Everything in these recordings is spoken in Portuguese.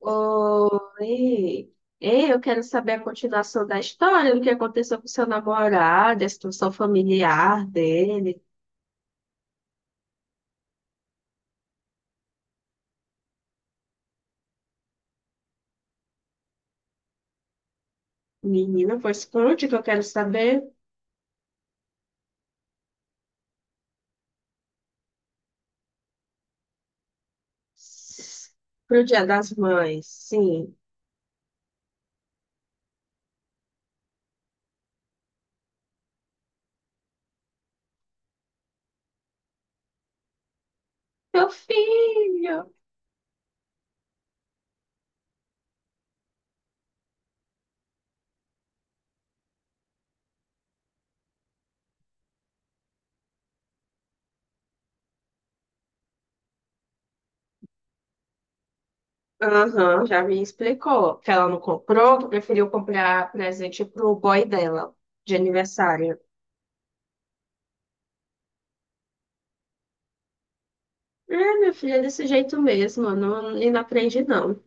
Oi. Ei, eu quero saber a continuação da história, do que aconteceu com seu namorado, a situação familiar dele. Menina, pois conte que eu quero saber. Pro Dia das Mães, sim. Meu filho! Aham, já me explicou que ela não comprou, que preferiu comprar presente pro boy dela, de aniversário. É, meu filho, é desse jeito mesmo, não, e não aprende não.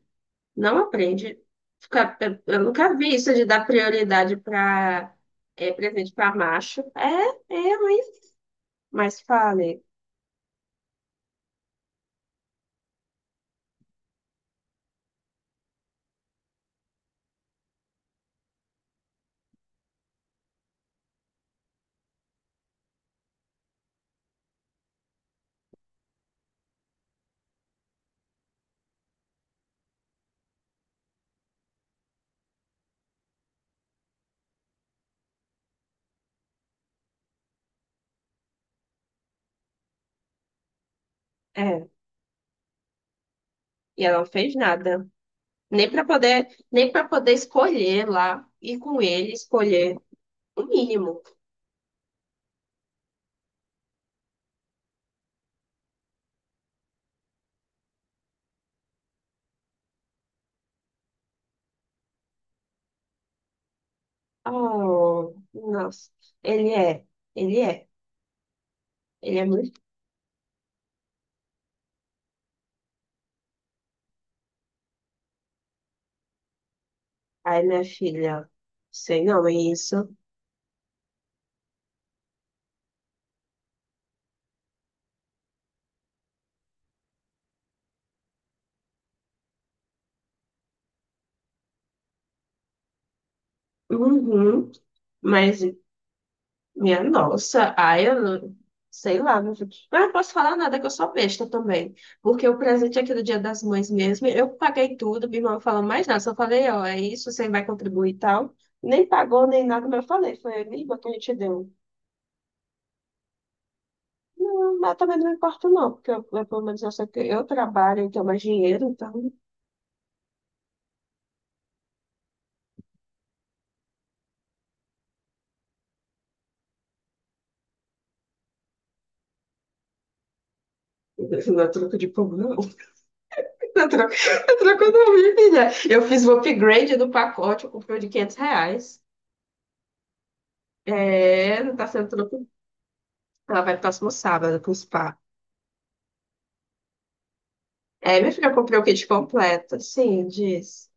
Não aprende. Eu nunca vi isso de dar prioridade para presente para macho. É, é ruim. Mas fale. É. E ela não fez nada. Nem para poder, nem para poder escolher lá, ir com ele, escolher o mínimo. Oh, nossa. Ele é. Ele é. Ele é muito. Ai, minha filha. Sei não, é isso. Uhum. Mas minha nossa, ai, eu não, sei lá, meu filho. Mas eu não posso falar nada que eu sou besta também. Porque o presente aqui do Dia das Mães mesmo, eu paguei tudo, minha irmã não falou mais nada. Só falei, ó, é isso, você vai contribuir e tal. Nem pagou, nem nada, mas eu falei, foi a língua que a gente deu. Não, mas também não me importa, não, porque pelo menos eu sei que eu trabalho e tenho mais dinheiro, então. Não é troco de pão, não. Não é troco, não, minha filha. Eu fiz o upgrade do pacote, eu comprei o de R$ 500. É, não tá sendo troco. Ela vai próximo sábado pro spa. É, minha filha, eu comprei o kit completo. Sim, diz.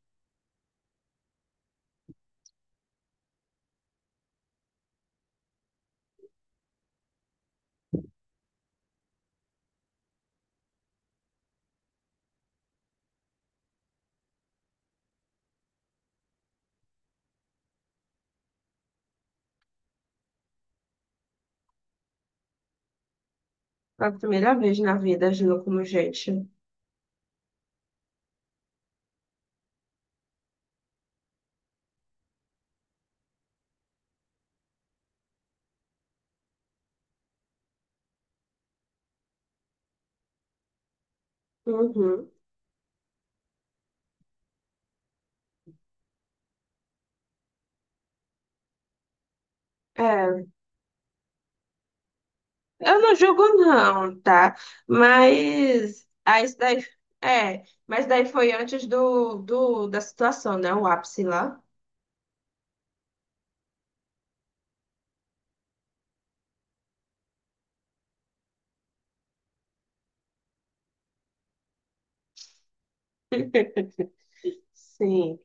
Foi a primeira vez na vida agindo como gente. Uhum. É, eu não julgo não, tá? Mas aí isso daí é, mas daí foi antes do, do da situação, né? O ápice lá. Sim,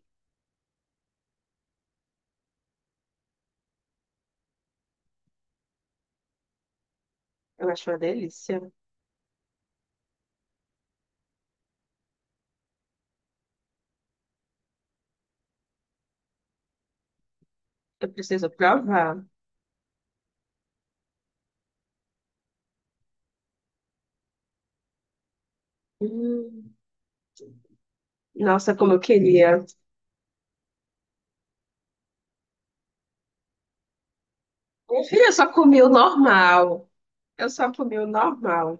eu acho uma delícia. Eu preciso provar. Hum, Nossa, como eu queria. Minha filha, eu só comi o normal. Eu só comi o normal.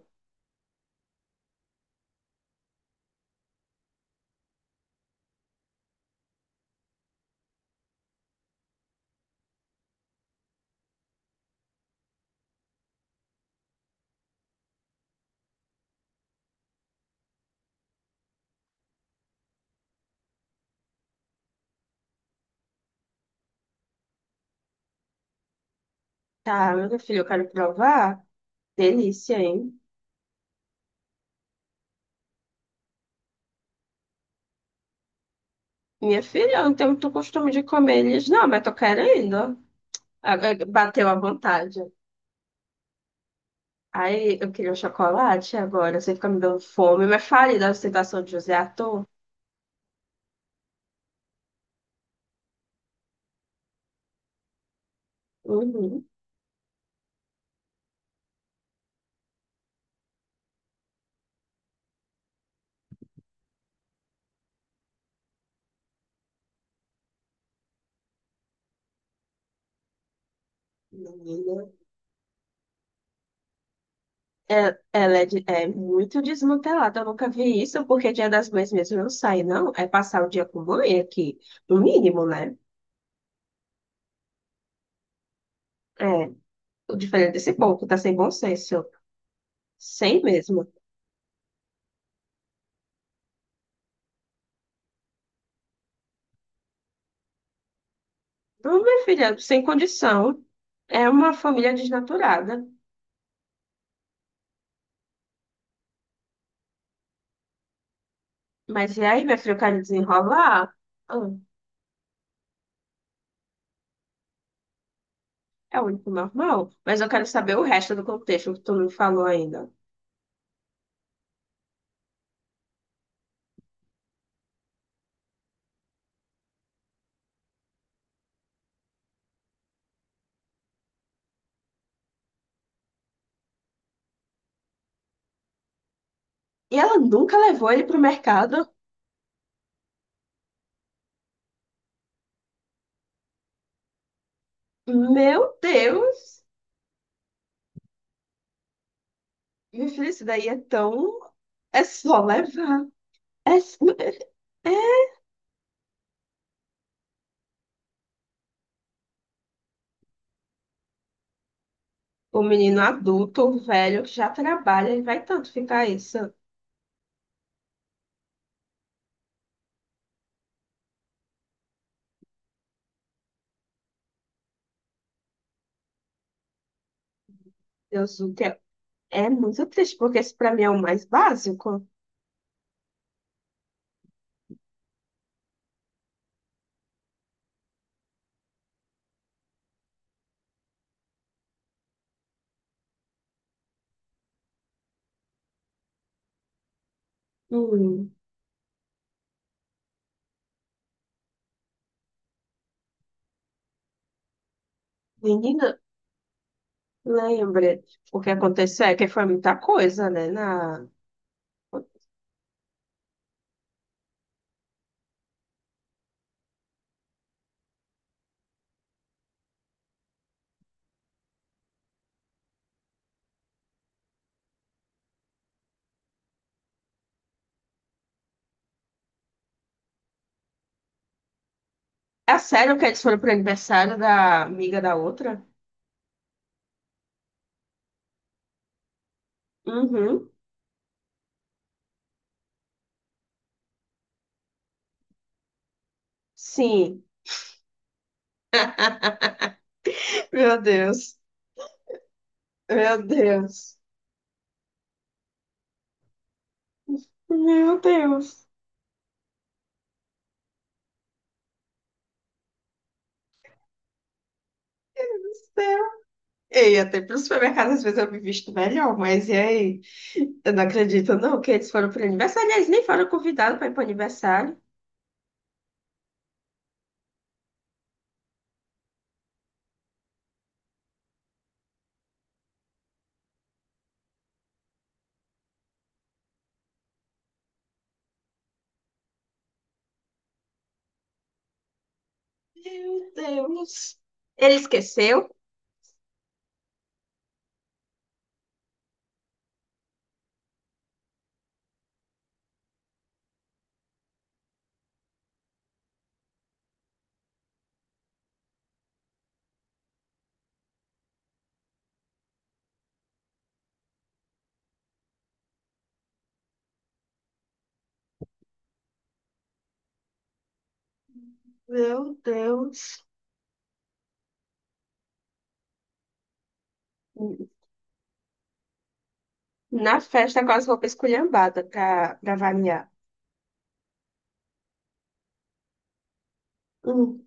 Tá, meu filho, eu quero provar. Delícia, hein? Minha filha, eu não tenho muito costume de comer eles, não, mas tô querendo. Ó. Agora bateu a vontade. Aí eu queria um chocolate agora, você fica me dando fome, mas fale da ostentação de José Arthur. Uhum. Menina. Ela é, é muito desmantelada, eu nunca vi isso, porque Dia das Mães mesmo eu não sai, não. É passar o dia com mãe aqui, no mínimo, né? É, o diferente desse povo, tá sem bom senso. Sem mesmo. Ô, minha filha, sem condição. É uma família desnaturada. Mas e aí, minha filha, eu quero desenrolar? Ah, é o único normal. Mas eu quero saber o resto do contexto que tu não falou ainda. E ela nunca levou ele pro mercado? Meu Deus! Minha filha, isso daí é tão. É só levar. É... O menino adulto, o velho, que já trabalha, ele vai tanto ficar isso. Deus do céu. É é muito triste, porque isso pra mim é o mais básico. Hum, menina, lembra o que aconteceu? É que foi muita coisa, né? Na... É sério que eles foram pro aniversário da amiga da outra? Uhum, sim. Meu Deus, meu Deus, meu Deus. Ei, até pro supermercado às vezes eu me visto melhor, mas e aí? Eu não acredito não que eles foram pro aniversário. Eles nem foram convidados para ir pro aniversário. Meu Deus. Ele esqueceu? Meu Deus. Na festa com as roupas esculhambadas pra variar. Hum.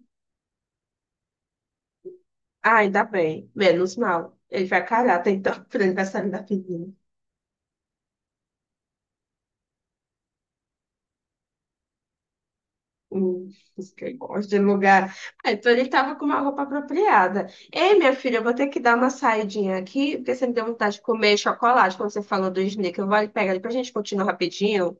Ah, ainda bem. Menos mal. Ele vai carar, então, pro aniversário da menina. Hum, isso que eu gosto de lugar. Ah, então ele tava com uma roupa apropriada. Ei, minha filha, eu vou ter que dar uma saidinha aqui, porque você me deu vontade de comer chocolate quando você falou do Snickers. Eu vou ali pegar ele pra gente continuar rapidinho.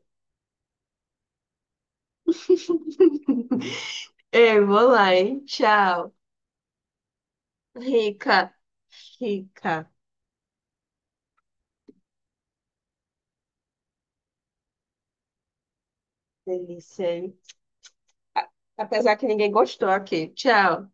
Ei, vou lá, hein? Tchau. Rica, rica. Delícia, hein? A- Apesar que ninguém gostou aqui. Tchau.